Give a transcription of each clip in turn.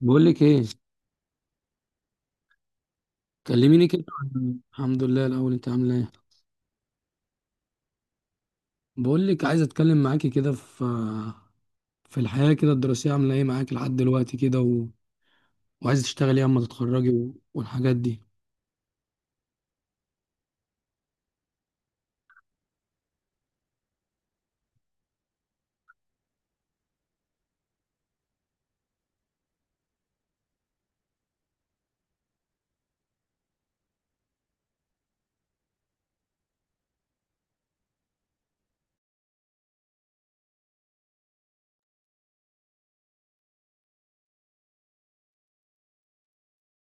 بقول لك ايه. كلميني كده الحمد لله الاول انت عامله ايه؟ بقول لك عايز اتكلم معاكي كده في في الحياه كده الدراسيه، عامله ايه معاكي لحد دلوقتي كده وعايز تشتغلي ايه اما تتخرجي والحاجات دي.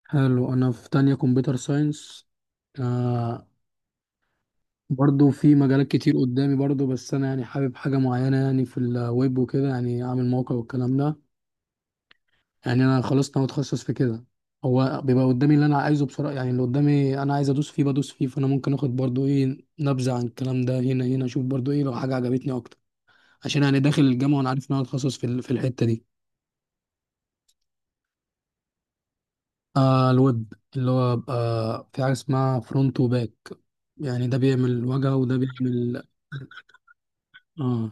حلو، انا في تانية كمبيوتر ساينس. آه، برضو في مجالات كتير قدامي برضو، بس انا يعني حابب حاجه معينه يعني في الويب وكده، يعني اعمل موقع والكلام ده. يعني انا خلاص انا متخصص في كده. هو بيبقى قدامي اللي انا عايزه بسرعه، يعني اللي قدامي انا عايز ادوس فيه بدوس فيه، فانا ممكن اخد برضو ايه نبذه عن الكلام ده هنا اشوف برضو ايه لو حاجه عجبتني اكتر. عشان يعني داخل الجامعه وانا عارف ان انا اتخصص في الحته دي. آه الويب، اللي هو بقى في حاجه اسمها فرونت وباك، يعني ده بيعمل واجهه وده بيعمل. اه.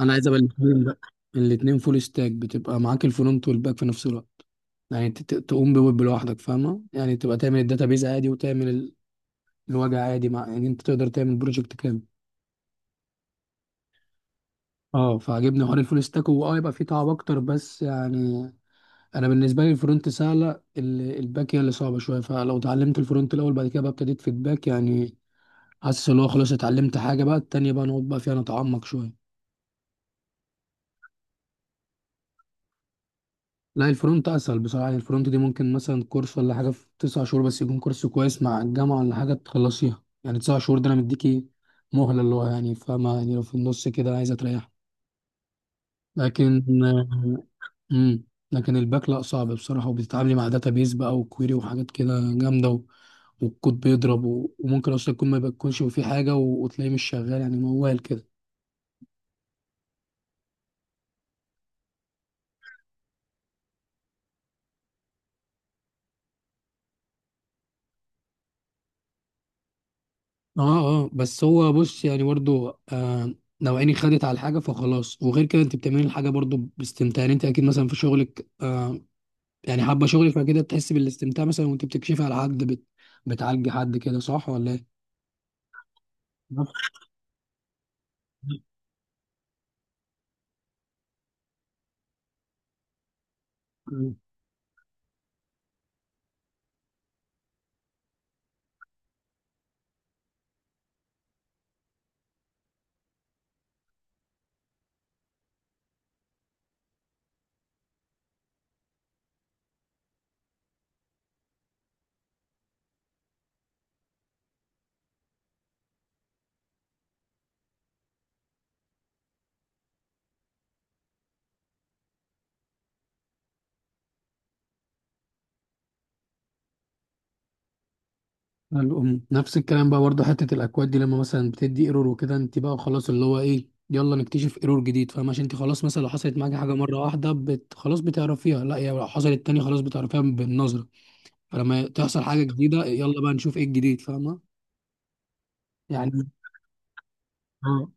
انا عايز ابقى الاثنين بقى. الاثنين فول ستاك، بتبقى معاك الفرونت والباك في نفس الوقت. يعني تقوم بويب لوحدك فاهمة، يعني تبقى تعمل الداتابيز عادي، وتعمل الوجع عادي مع، يعني انت تقدر تعمل بروجكت كامل. اه، فعجبني حوار الفول ستاك، واه يبقى فيه تعب اكتر بس يعني انا بالنسبه لي الفرونت سهله. الباك هي اللي صعبه شويه، فلو اتعلمت الفرونت الاول بعد كده بقى ابتديت في الباك، يعني حاسس ان هو خلاص اتعلمت حاجه بقى، التانيه بقى نقعد بقى فيها نتعمق شويه. لا الفرونت اسهل بصراحه، يعني الفرونت دي ممكن مثلا كورس ولا حاجه في تسع شهور، بس يكون كورس كويس مع الجامعه ولا حاجه تخلصيها، يعني تسع شهور ده انا مديكي مهله، اللي هو يعني فاهمه يعني لو في النص كده عايزه تريح. لكن امم لكن الباك لا صعب بصراحة، وبتتعاملي مع داتابيز بقى وكويري وحاجات كده جامدة والكود بيضرب وممكن اصلا يكون ما بيكونش وفيه حاجة وتلاقيه مش شغال، يعني موال كده. اه. اه بس هو بص، يعني برضو لو عيني خدت على الحاجة فخلاص، وغير كده انت بتعملي الحاجة برضو باستمتاع، يعني انت اكيد مثلا في شغلك يعني حابة شغلك، فكده بتحسي بالاستمتاع مثلا وانت بتكشفي على حد بتعالجي حد كده، صح ولا ايه؟ نعم. الأم نفس الكلام بقى برضه، حتة الأكواد دي لما مثلا بتدي ايرور وكده، انت بقى خلاص اللي هو ايه، يلا نكتشف ايرور جديد فاهمة، عشان انت خلاص مثلا لو حصلت معاكي حاجة مرة واحدة خلاص بتعرفيها، لا يا لو حصلت تاني خلاص بتعرفيها بالنظرة. فلما تحصل حاجة جديدة يلا بقى نشوف ايه الجديد فاهمة. يعني. اه.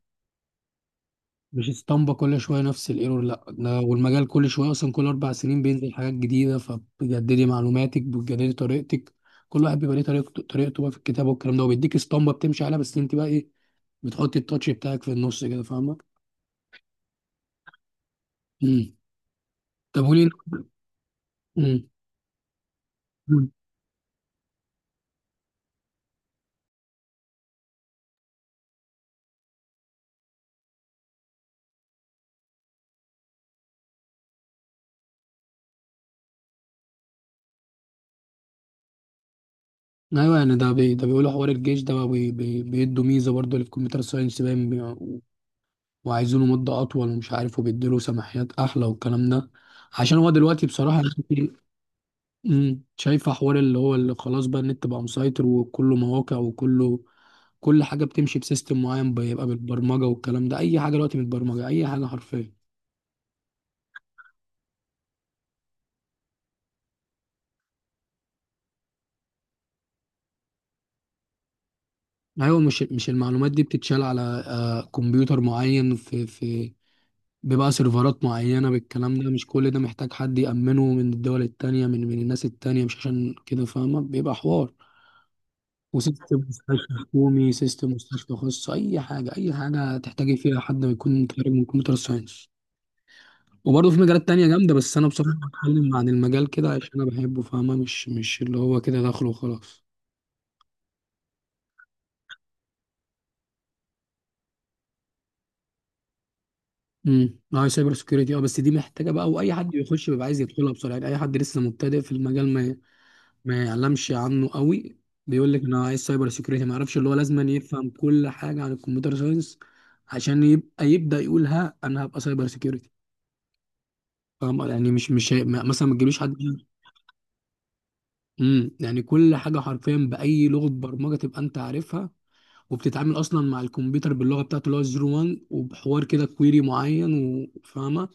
مش اسطمبة كل شوية نفس الايرور، لا ده والمجال كل شوية أصلا كل أربع سنين بينزل حاجات جديدة، فبتجددي معلوماتك بتجددي طريقتك. كل واحد بيبقى ليه طريقته، طريقته بقى في الكتابة والكلام ده، وبيديك اسطمبة بتمشي عليها بس انت بقى ايه، بتحطي التاتش بتاعك في النص كده فاهمة. امم طب قولي. امم أمم. ايوه يعني ده ده بيقولوا حوار الجيش ده بقى بيدوا ميزة برضه اللي في كمبيوتر ساينس باين وعايزينه مدة اطول ومش عارف، وبيديله سماحيات احلى والكلام ده، عشان هو دلوقتي بصراحة يعني- شايفة حوار اللي هو اللي خلاص بقى النت بقى مسيطر وكله مواقع وكله كل حاجة بتمشي بسيستم معين، بيبقى بالبرمجة والكلام ده، أي حاجة دلوقتي متبرمجة، أي حاجة حرفيا. ايوه مش المعلومات دي بتتشال على كمبيوتر معين، في بيبقى سيرفرات معينة بالكلام ده، مش كل ده محتاج حد يأمنه من الدول التانية، من الناس التانية، مش عشان كده فاهمة، بيبقى حوار وسيستم مستشفى حكومي، سيستم مستشفى خاص، أي حاجة، أي حاجة تحتاجي فيها حد يكون خارج من كمبيوتر ساينس. وبرضه في مجالات تانية جامدة، بس أنا بصراحة بتكلم عن المجال كده عشان أنا بحبه فاهمة، مش اللي هو كده داخله وخلاص. اه سايبر سكيورتي. اه بس دي محتاجه بقى، واي حد بيخش بيبقى عايز يدخلها بسرعه، يعني اي حد لسه مبتدئ في المجال ما يعلمش عنه قوي، بيقول لك انا عايز سايبر سكيورتي، ما يعرفش اللي هو لازم أن يفهم كل حاجه عن الكمبيوتر ساينس، عشان يبقى يبدا يقول ها انا هبقى سايبر سكيورتي، فاهم يعني مش مش هي- ما- مثلا ما تجيبليش حد. يعني كل حاجه حرفيا باي لغه برمجه تبقى انت عارفها، وبتتعامل اصلا مع الكمبيوتر باللغه بتاعته اللي هو 01 وبحوار كده كويري معين وفاهمه،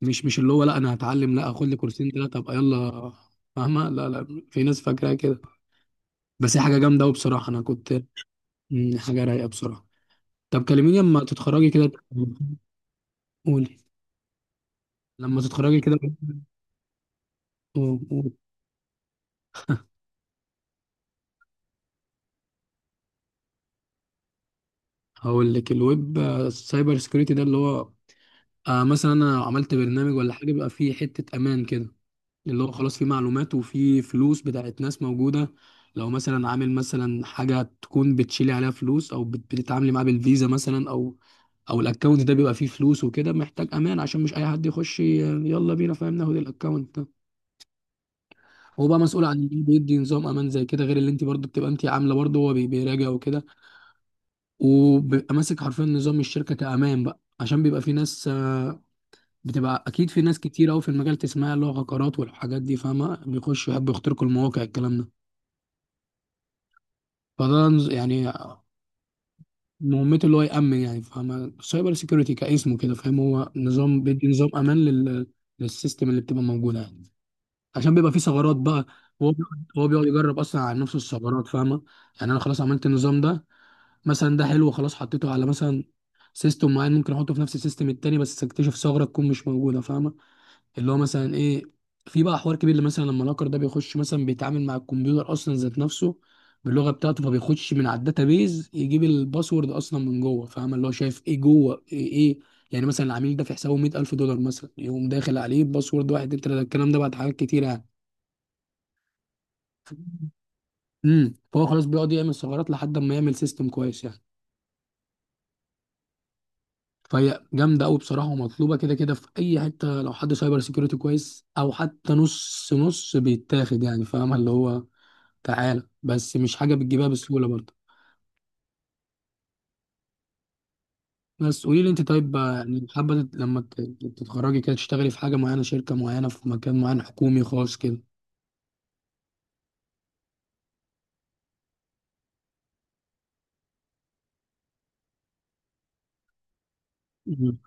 مش اللي هو لا انا هتعلم لا اخد لي كورسين ثلاثه ابقى يلا فاهمه، لا لا في ناس فاكراها كده، بس هي حاجه جامده قوي بصراحه انا كنت. حاجه رايقه بصراحه. طب كلميني لما تتخرجي كده. قولي. لما تتخرجي كده. قولي. قولي. هقول لك، الويب سايبر سكيورتي ده اللي هو مثلا انا عملت برنامج ولا حاجه بيبقى فيه حته امان كده، اللي هو خلاص في معلومات وفي فلوس بتاعت ناس موجودة، لو مثلا عامل مثلا حاجة تكون بتشيلي عليها فلوس أو بتتعاملي معاه بالفيزا مثلا، أو الأكونت ده بيبقى فيه فلوس وكده، محتاج أمان عشان مش أي حد يخش يلا بينا فاهم ناخد الأكونت ده. هو بقى مسؤول عن إيه، بيدي نظام أمان زي كده غير اللي أنت برضه بتبقى أنت عاملة، برضه هو بيراجع وكده، وبيبقى ماسك حرفيا نظام الشركة كأمان بقى، عشان بيبقى في ناس بتبقى اكيد في ناس كتير قوي في المجال تسمعها اللي هو هكرات والحاجات دي فاهمه، بيخشوا يحبوا يخترقوا المواقع الكلام ده. فده يعني مهمته اللي هو يأمن، يعني فاهم سايبر سيكيورتي كاسمه كده، فاهم هو نظام بيدي نظام امان للسيستم اللي بتبقى موجوده يعني، عشان بيبقى فيه ثغرات بقى. هو بيقعد يجرب اصلا على نفسه الثغرات فاهمه. يعني انا خلاص عملت النظام ده مثلا، ده حلو خلاص حطيته على مثلا سيستم معين، ممكن احطه في نفس السيستم التاني بس اكتشف ثغره تكون مش موجوده فاهمه، اللي هو مثلا ايه، في بقى حوار كبير اللي مثلا لما الهاكر ده بيخش مثلا بيتعامل مع الكمبيوتر اصلا ذات نفسه باللغه بتاعته، فبيخش من على الداتابيز يجيب الباسورد اصلا من جوه فاهم، اللي هو شايف ايه جوه ايه, إيه، يعني مثلا العميل ده في حسابه 100,000 دولار مثلا، يقوم داخل عليه باسورد واحد اتنين تلاته الكلام ده بعد حاجات كتير يعني. فهو خلاص بيقعد يعمل ثغرات لحد ما يعمل سيستم كويس يعني. فهي جامده قوي بصراحه، ومطلوبه كده كده في اي حته، لو حد سايبر سيكيورتي كويس او حتى نص نص بيتاخد، يعني فاهم اللي هو تعالى، بس مش حاجه بتجيبها بسهوله برضه. بس قولي لي انت، طيب يعني حابه لما تتخرجي كده تشتغلي في حاجه معينه، شركه معينه، في مكان معين، حكومي خاص كده؟ مم.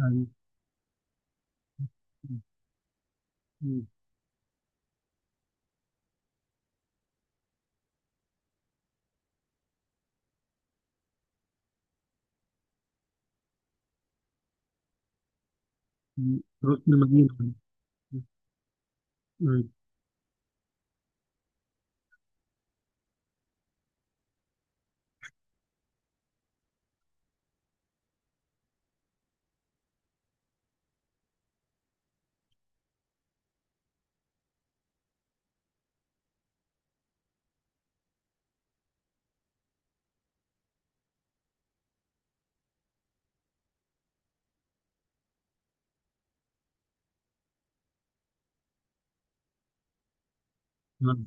أيوة. مم. مم. رحت المدينه. مم. مم.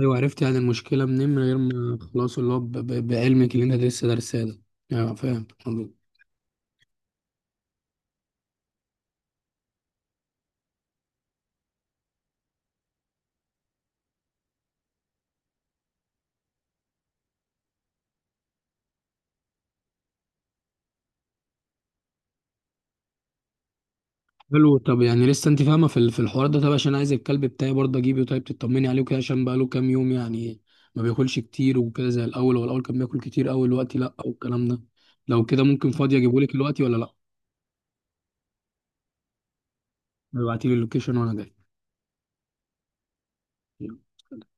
ايوه عرفت يعني المشكله منين من غير ما خلاص اللي هو بعلمك اللي انت لسه دارساه ده. ايوه فاهم. حلو، طب يعني لسه انت فاهمه في الحوار ده، طب عشان عايز الكلب بتاعي برضه اجيبه، طيب تطمني عليه وكده عشان بقاله كام يوم يعني ما بياكلش كتير وكده زي الاول، هو الاول كان بياكل كتير قوي دلوقتي لا والكلام ده، لو كده ممكن فاضي اجيبه لك دلوقتي ولا لا؟ ابعتي لي اللوكيشن وانا جاي.